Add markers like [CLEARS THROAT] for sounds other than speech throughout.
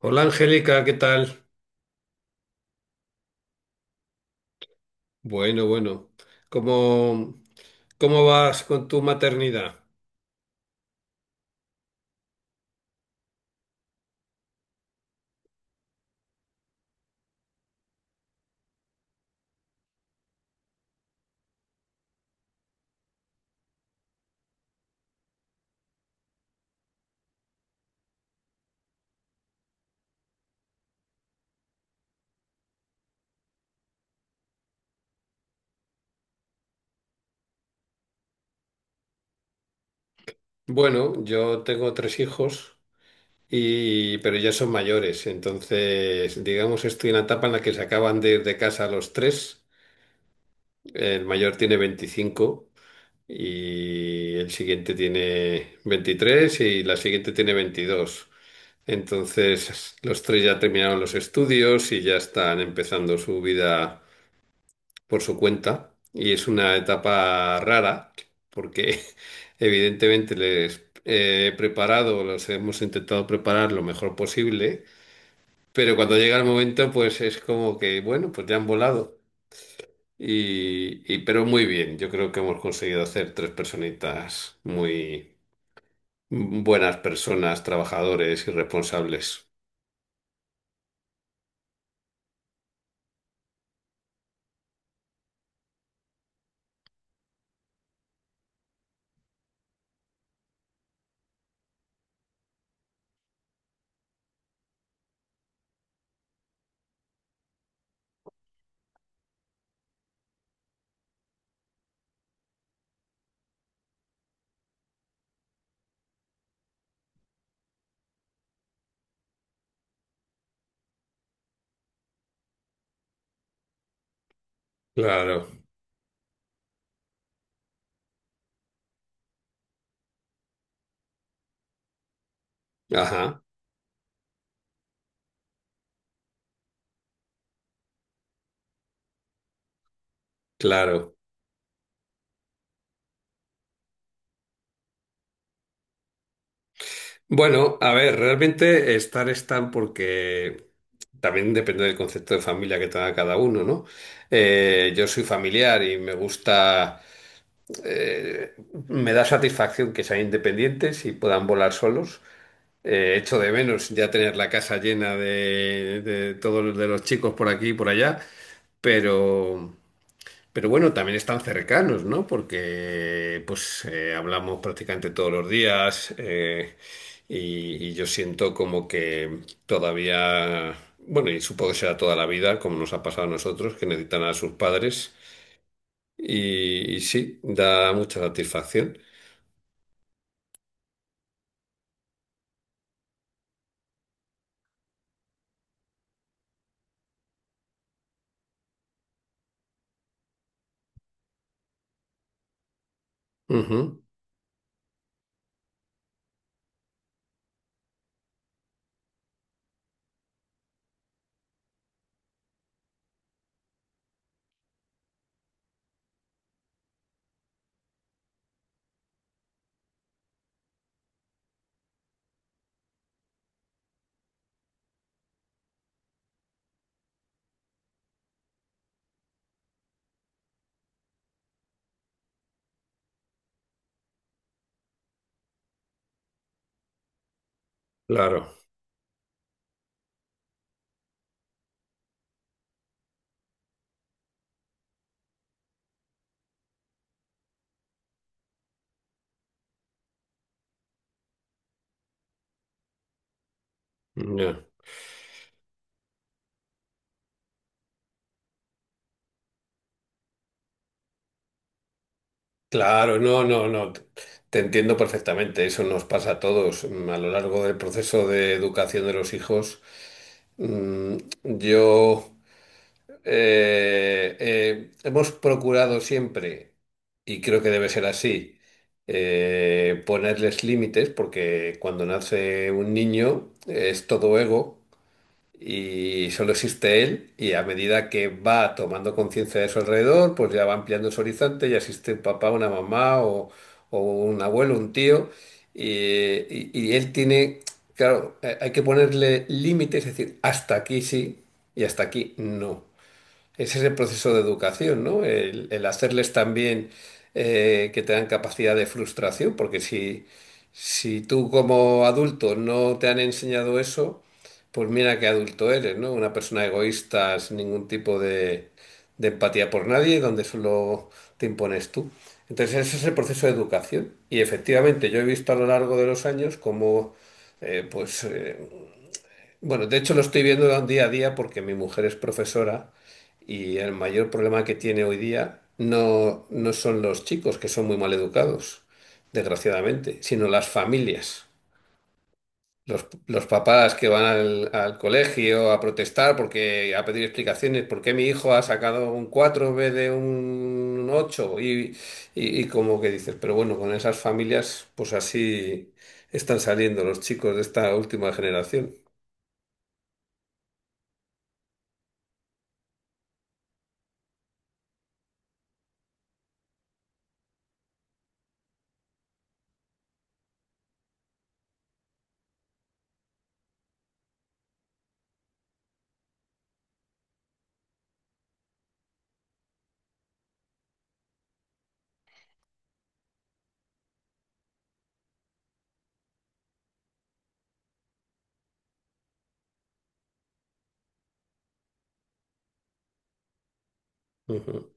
Hola, Angélica, ¿qué tal? Bueno, bueno. ¿Cómo, cómo vas con tu maternidad? Bueno, yo tengo tres hijos y pero ya son mayores, entonces digamos estoy en la etapa en la que se acaban de ir de casa los tres. El mayor tiene 25 y el siguiente tiene 23 y la siguiente tiene 22. Entonces los tres ya terminaron los estudios y ya están empezando su vida por su cuenta y es una etapa rara porque [LAUGHS] evidentemente les he preparado, los hemos intentado preparar lo mejor posible, pero cuando llega el momento pues es como que bueno, pues ya han volado pero muy bien, yo creo que hemos conseguido hacer tres personitas muy buenas personas, trabajadores y responsables. Claro, ajá, claro. Bueno, a ver, realmente estar están porque también depende del concepto de familia que tenga cada uno, ¿no? Yo soy familiar y me gusta, eh, me da satisfacción que sean independientes y puedan volar solos. Echo de menos ya tener la casa llena de de los chicos por aquí y por allá, pero... Pero bueno, también están cercanos, ¿no? Porque pues hablamos prácticamente todos los días y yo siento como que todavía, bueno, y supongo que será toda la vida, como nos ha pasado a nosotros, que necesitan a sus padres y sí, da mucha satisfacción. Ujú, claro, ya. Claro, no, no, no. Te entiendo perfectamente. Eso nos pasa a todos a lo largo del proceso de educación de los hijos. Mm, Yo hemos procurado siempre, y creo que debe ser así, ponerles límites, porque cuando nace un niño es todo ego y solo existe él, y a medida que va tomando conciencia de su alrededor, pues ya va ampliando su horizonte, ya existe un papá, una mamá o un abuelo, un tío, y, y él tiene, claro, hay que ponerle límites, es decir, hasta aquí sí y hasta aquí no. Ese es el proceso de educación, ¿no? El hacerles también que tengan capacidad de frustración, porque si, si tú como adulto no te han enseñado eso, pues mira qué adulto eres, ¿no? Una persona egoísta sin ningún tipo de empatía por nadie, donde solo te impones tú. Entonces ese es el proceso de educación. Y efectivamente yo he visto a lo largo de los años cómo eh, pues, eh, bueno, de hecho lo estoy viendo día a día porque mi mujer es profesora y el mayor problema que tiene hoy día no, no son los chicos, que son muy mal educados, desgraciadamente, sino las familias. Los papás que van al, al colegio a protestar porque a pedir explicaciones, ¿por qué mi hijo ha sacado un 4 en vez de un ocho? Y como que dices, pero bueno, con esas familias pues así están saliendo los chicos de esta última generación. Ujú.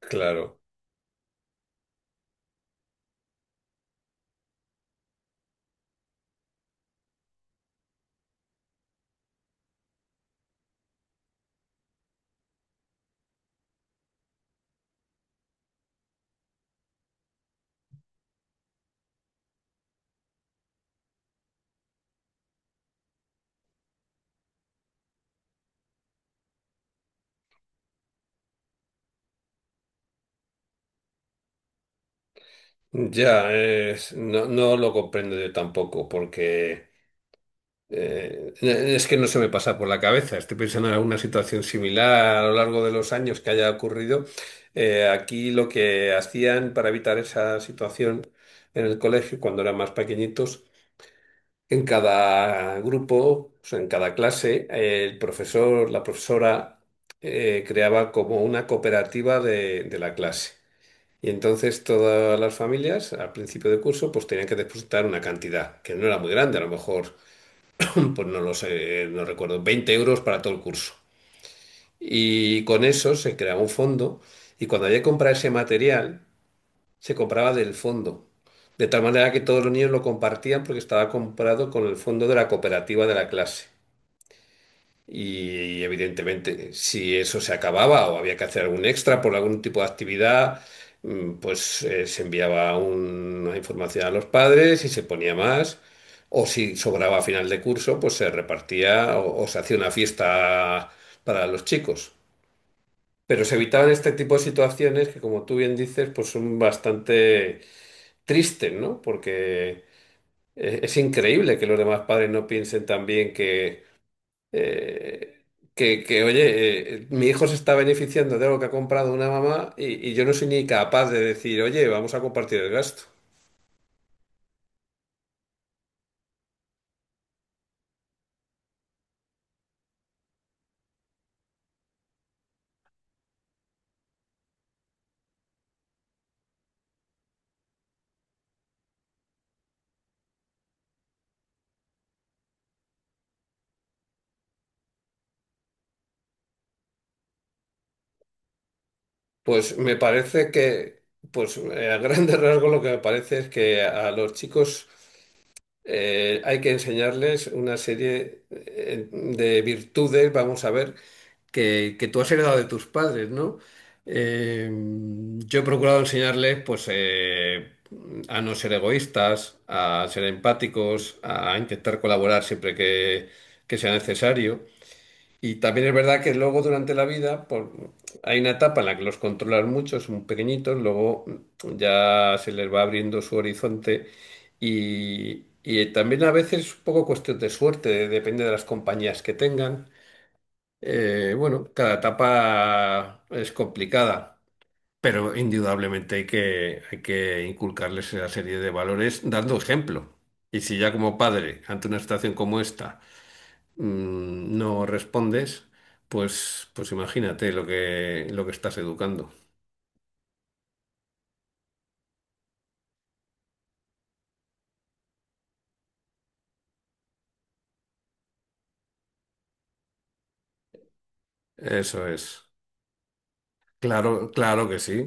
Claro. Ya, no, no lo comprendo yo tampoco, porque es que no se me pasa por la cabeza. Estoy pensando en alguna situación similar a lo largo de los años que haya ocurrido. Aquí lo que hacían para evitar esa situación en el colegio, cuando eran más pequeñitos, en cada grupo, o sea, en cada clase, el profesor, la profesora creaba como una cooperativa de la clase. Y entonces todas las familias al principio de curso pues tenían que depositar una cantidad que no era muy grande, a lo mejor, [CLEARS THROAT] pues no lo sé, no recuerdo, 20 euros para todo el curso. Y con eso se creaba un fondo y cuando había que comprar ese material, se compraba del fondo. De tal manera que todos los niños lo compartían porque estaba comprado con el fondo de la cooperativa de la clase. Y evidentemente, si eso se acababa o había que hacer algún extra por algún tipo de actividad, se enviaba una información a los padres y se ponía más. O si sobraba a final de curso, pues se repartía o se hacía una fiesta para los chicos. Pero se evitaban este tipo de situaciones que, como tú bien dices, pues son bastante tristes, ¿no? Porque es increíble que los demás padres no piensen también eh, que, oye, mi hijo se está beneficiando de algo que ha comprado una mamá y yo no soy ni capaz de decir, oye, vamos a compartir el gasto. Pues me parece que, pues a grandes [LAUGHS] rasgos lo que me parece es que a los chicos... hay que enseñarles una serie de virtudes, vamos a ver, que tú has heredado de tus padres, ¿no? Eh, yo he procurado enseñarles, pues, a no ser egoístas, a ser empáticos, a intentar colaborar siempre que sea necesario. Y también es verdad que luego durante la vida hay una etapa en la que los controlan mucho, son pequeñitos, luego ya se les va abriendo su horizonte y también a veces es un poco cuestión de suerte, depende de las compañías que tengan. Bueno, cada etapa es complicada, pero indudablemente hay que inculcarles esa serie de valores dando ejemplo. Y si ya como padre, ante una situación como esta, no respondes, pues, pues imagínate lo que estás educando. Eso es. Claro, claro que sí.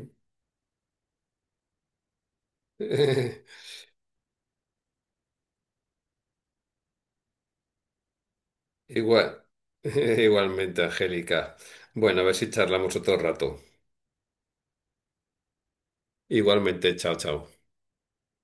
[LAUGHS] Igual, [LAUGHS] igualmente, Angélica. Bueno, a ver si charlamos otro rato. Igualmente, chao, chao.